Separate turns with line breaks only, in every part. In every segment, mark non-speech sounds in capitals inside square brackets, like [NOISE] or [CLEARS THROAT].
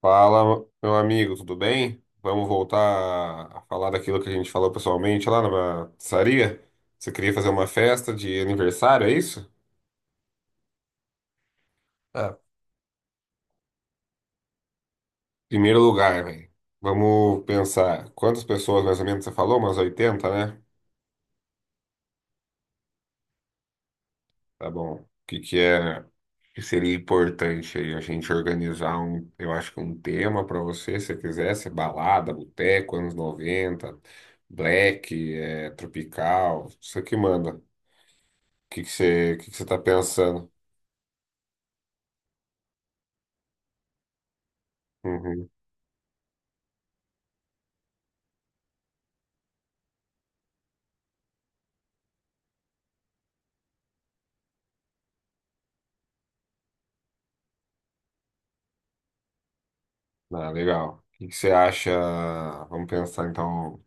Fala, meu amigo, tudo bem? Vamos voltar a falar daquilo que a gente falou pessoalmente lá na pizzaria? Você queria fazer uma festa de aniversário, é isso? É. Primeiro lugar, velho. Vamos pensar. Quantas pessoas mais ou menos você falou? Umas 80, né? Tá bom. O que que é que seria importante aí a gente organizar eu acho que um tema pra você, se você quisesse, balada, boteco, anos 90 black, tropical, isso que manda. O que que você tá pensando? Uhum. Ah, legal. O que que você acha? Vamos pensar então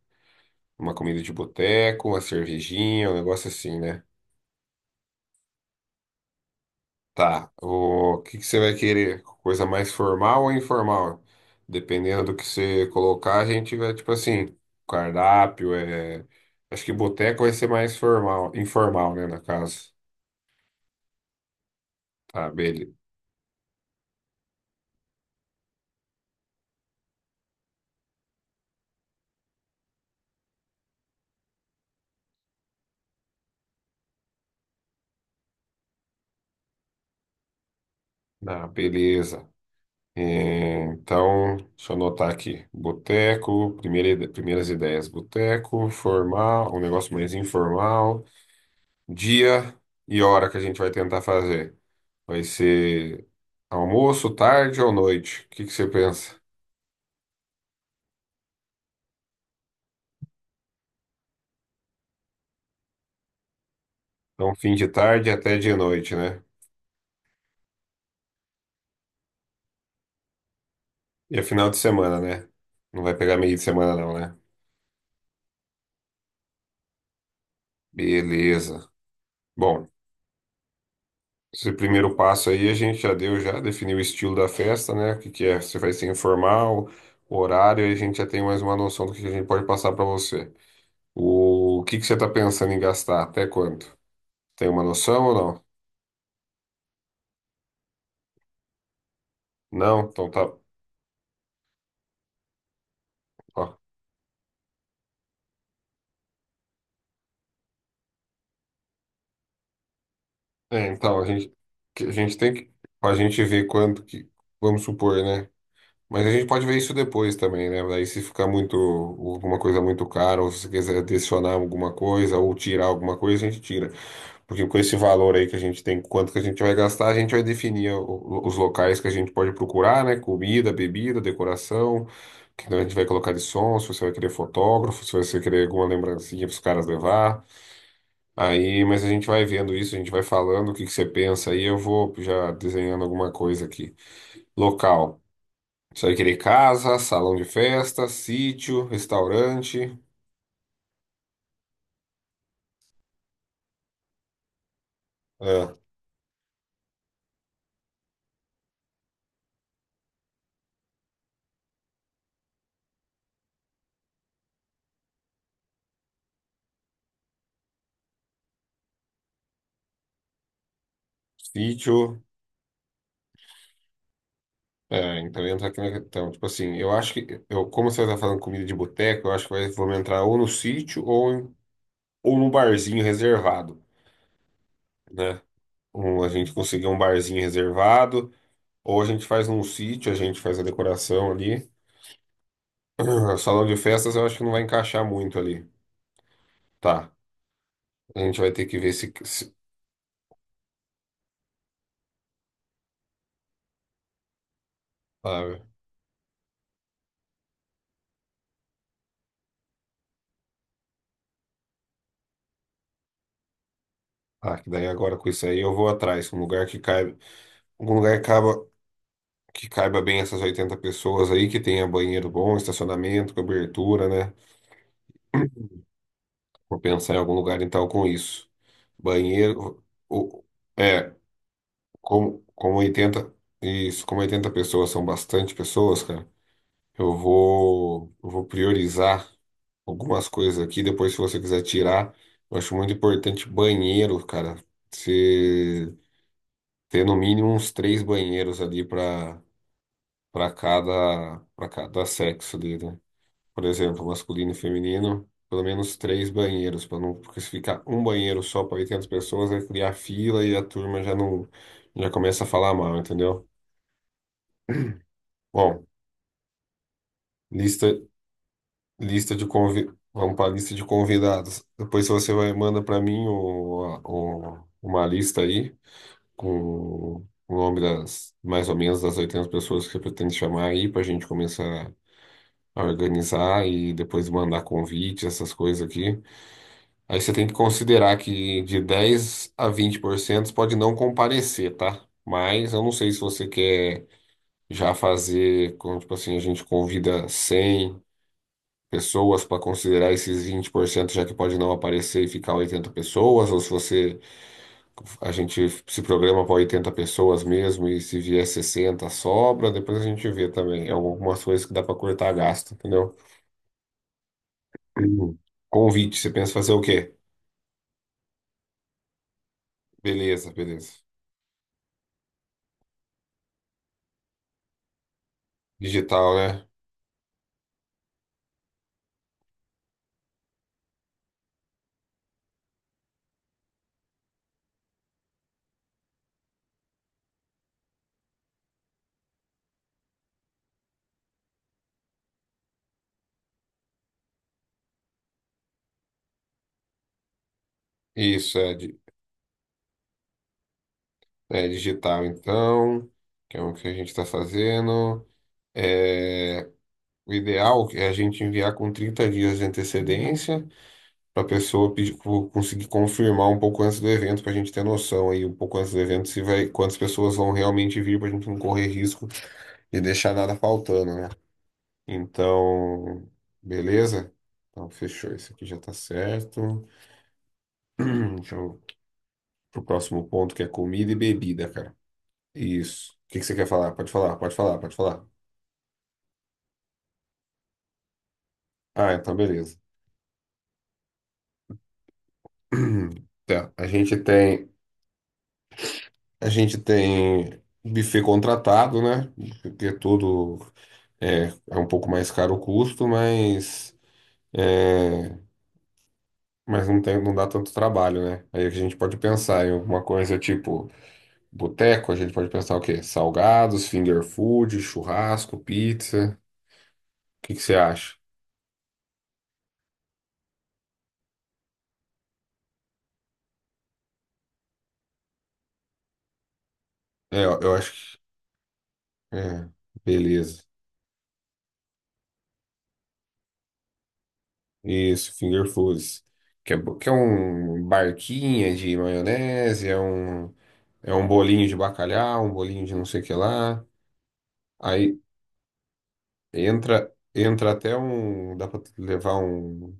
uma comida de boteco, uma cervejinha, um negócio assim, né? Tá. O que que você vai querer? Coisa mais formal ou informal? Dependendo do que você colocar, a gente vai tipo assim, cardápio é, acho que boteco vai ser mais formal, informal, né, na casa. Tá, beleza. Ah, beleza. É, então, deixa eu anotar aqui. Boteco, primeiras ideias. Boteco, formal, um negócio mais informal. Dia e hora que a gente vai tentar fazer. Vai ser almoço, tarde ou noite? O que que você pensa? Então, fim de tarde até de noite, né? E é final de semana, né? Não vai pegar meio de semana, não, né? Beleza. Bom. Esse primeiro passo aí a gente já deu, já definiu o estilo da festa, né? O que que é, se vai ser informal, o horário, aí a gente já tem mais uma noção do que a gente pode passar para você. O que que você está pensando em gastar? Até quanto? Tem uma noção ou não? Não? Então tá. Ó. É, então a gente, que a gente tem que. A gente ver quanto que. Vamos supor, né? Mas a gente pode ver isso depois também, né? Daí se ficar muito, alguma coisa muito cara, ou se você quiser adicionar alguma coisa, ou tirar alguma coisa, a gente tira. Porque com esse valor aí que a gente tem, quanto que a gente vai gastar, a gente vai definir os locais que a gente pode procurar, né? Comida, bebida, decoração, que a gente vai colocar de som, se você vai querer fotógrafo, se você vai querer alguma lembrancinha para os caras levar. Aí, mas a gente vai vendo isso, a gente vai falando o que que você pensa aí, eu vou já desenhando alguma coisa aqui. Local. Isso aí querer casa, salão de festa, sítio, restaurante, é, sítio. É, então entra aqui na questão. Tipo assim, eu acho que, como você está falando comida de boteco, eu acho que vai, vamos entrar ou no sítio ou num barzinho reservado, né? Ou a gente conseguir um barzinho reservado, ou a gente faz num sítio, a gente faz a decoração ali. [CLEARS THROAT] Salão de festas eu acho que não vai encaixar muito ali. Tá, a gente vai ter que ver ah, ah, que daí agora com isso aí eu vou atrás, um lugar que cai. Algum lugar que caiba bem essas 80 pessoas aí, que tenha banheiro bom, estacionamento, cobertura, né? [CLEARS THROAT] Vou pensar em algum lugar então com isso. Banheiro, o, é, como como 80 pessoas são bastante pessoas, cara, eu vou priorizar algumas coisas aqui. Depois, se você quiser tirar, eu acho muito importante banheiro, cara. Você ter no mínimo uns três banheiros ali para para cada sexo ali, né? Por exemplo, masculino e feminino, pelo menos três banheiros, para não, porque se ficar um banheiro só para 800 pessoas, vai criar fila e a turma já não, já começa a falar mal, entendeu? Bom, lista, vamos para a lista de convidados. Depois você vai manda para mim uma lista aí com o nome das mais ou menos das 800 pessoas que você pretende chamar aí para a gente começar organizar e depois mandar convite, essas coisas aqui. Aí você tem que considerar que de 10 a 20% pode não comparecer, tá? Mas eu não sei se você quer já fazer, tipo assim, a gente convida 100 pessoas para considerar esses 20% já que pode não aparecer e ficar 80 pessoas, ou se você a gente se programa para 80 pessoas mesmo e se vier 60 sobra, depois a gente vê também. É algumas coisas que dá para cortar gasto, entendeu? Uhum. Convite, você pensa fazer o quê? Beleza, beleza. Digital, né? Isso, é digital, então, que é o que a gente está fazendo. É, o ideal é a gente enviar com 30 dias de antecedência para a pessoa conseguir confirmar um pouco antes do evento, para a gente ter noção aí, um pouco antes do evento, se vai, quantas pessoas vão realmente vir, para a gente não correr risco de deixar nada faltando, né? Então, beleza? Então, fechou. Isso aqui já está certo. [CLEARS THROAT] Deixa eu pro próximo ponto, que é comida e bebida, cara. Isso. O que que você quer falar? Pode falar, pode falar, pode falar. Ah, então beleza. [CLEARS THROAT] Tá. A gente tem buffet contratado, né? Porque tudo é, é um pouco mais caro o custo, mas é, mas não tem, não dá tanto trabalho, né? Aí a gente pode pensar em alguma coisa tipo boteco, a gente pode pensar o quê? Salgados, finger food, churrasco, pizza. O que que você acha? É, eu acho que. É, beleza. Isso, finger foods. Que é, que é um barquinha de maionese, é um bolinho de bacalhau, um bolinho de não sei o que lá. Aí entra até um. Dá pra levar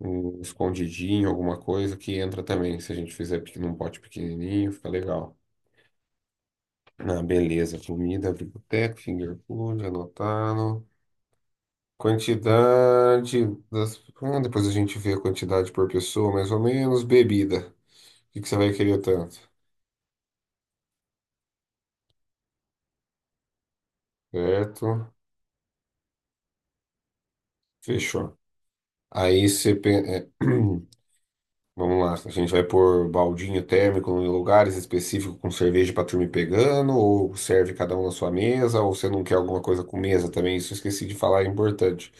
um escondidinho, alguma coisa que entra também. Se a gente fizer num pote pequenininho, fica legal. Ah, beleza. Comida, biblioteca, finger food, anotado. Quantidade das. Ah, depois a gente vê a quantidade por pessoa, mais ou menos. Bebida. O que que você vai querer tanto? Certo? Fechou. Aí você. Pen- é, [CLEARS THROAT] Vamos lá. A gente vai pôr baldinho térmico em lugares específicos com cerveja pra turma ir pegando, ou serve cada um na sua mesa, ou você não quer alguma coisa com mesa também. Isso eu esqueci de falar, é importante.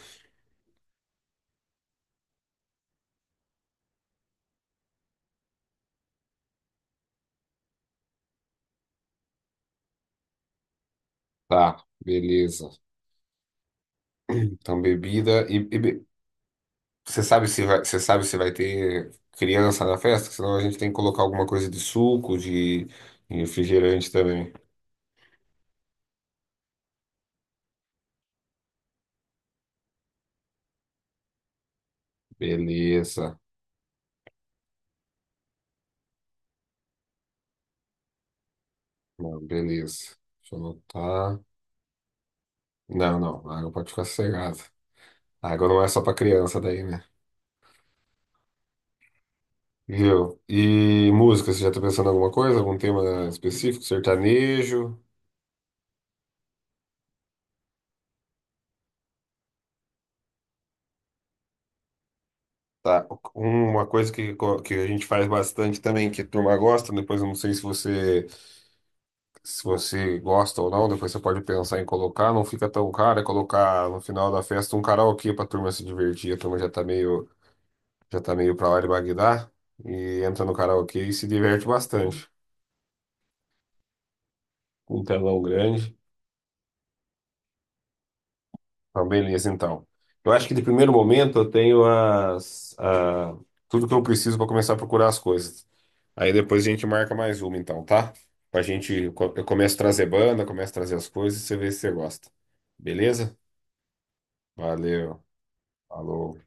Tá, beleza. Então, bebida e, você sabe se vai ter criança na festa? Senão a gente tem que colocar alguma coisa de suco, de refrigerante também. Beleza. Não, beleza. Deixa eu anotar. Não, não. A água pode ficar sossegada. A água não é só pra criança daí, né? Viu? E música, você já tá pensando em alguma coisa? Algum tema específico? Sertanejo? Tá. Uma coisa que a gente faz bastante também, que a turma gosta, depois eu não sei se você gosta ou não, depois você pode pensar em colocar, não fica tão caro, é colocar no final da festa um karaokê pra turma se divertir, a turma já tá meio pra lá de Bagdá, e entra no karaokê e se diverte bastante, um telão grande, tá beleza então. Eu acho que de primeiro momento eu tenho tudo que eu preciso pra começar a procurar as coisas. Aí depois a gente marca mais uma então, tá? Pra gente, eu começo a trazer banda, começo a trazer as coisas e você vê se você gosta. Beleza? Valeu. Falou.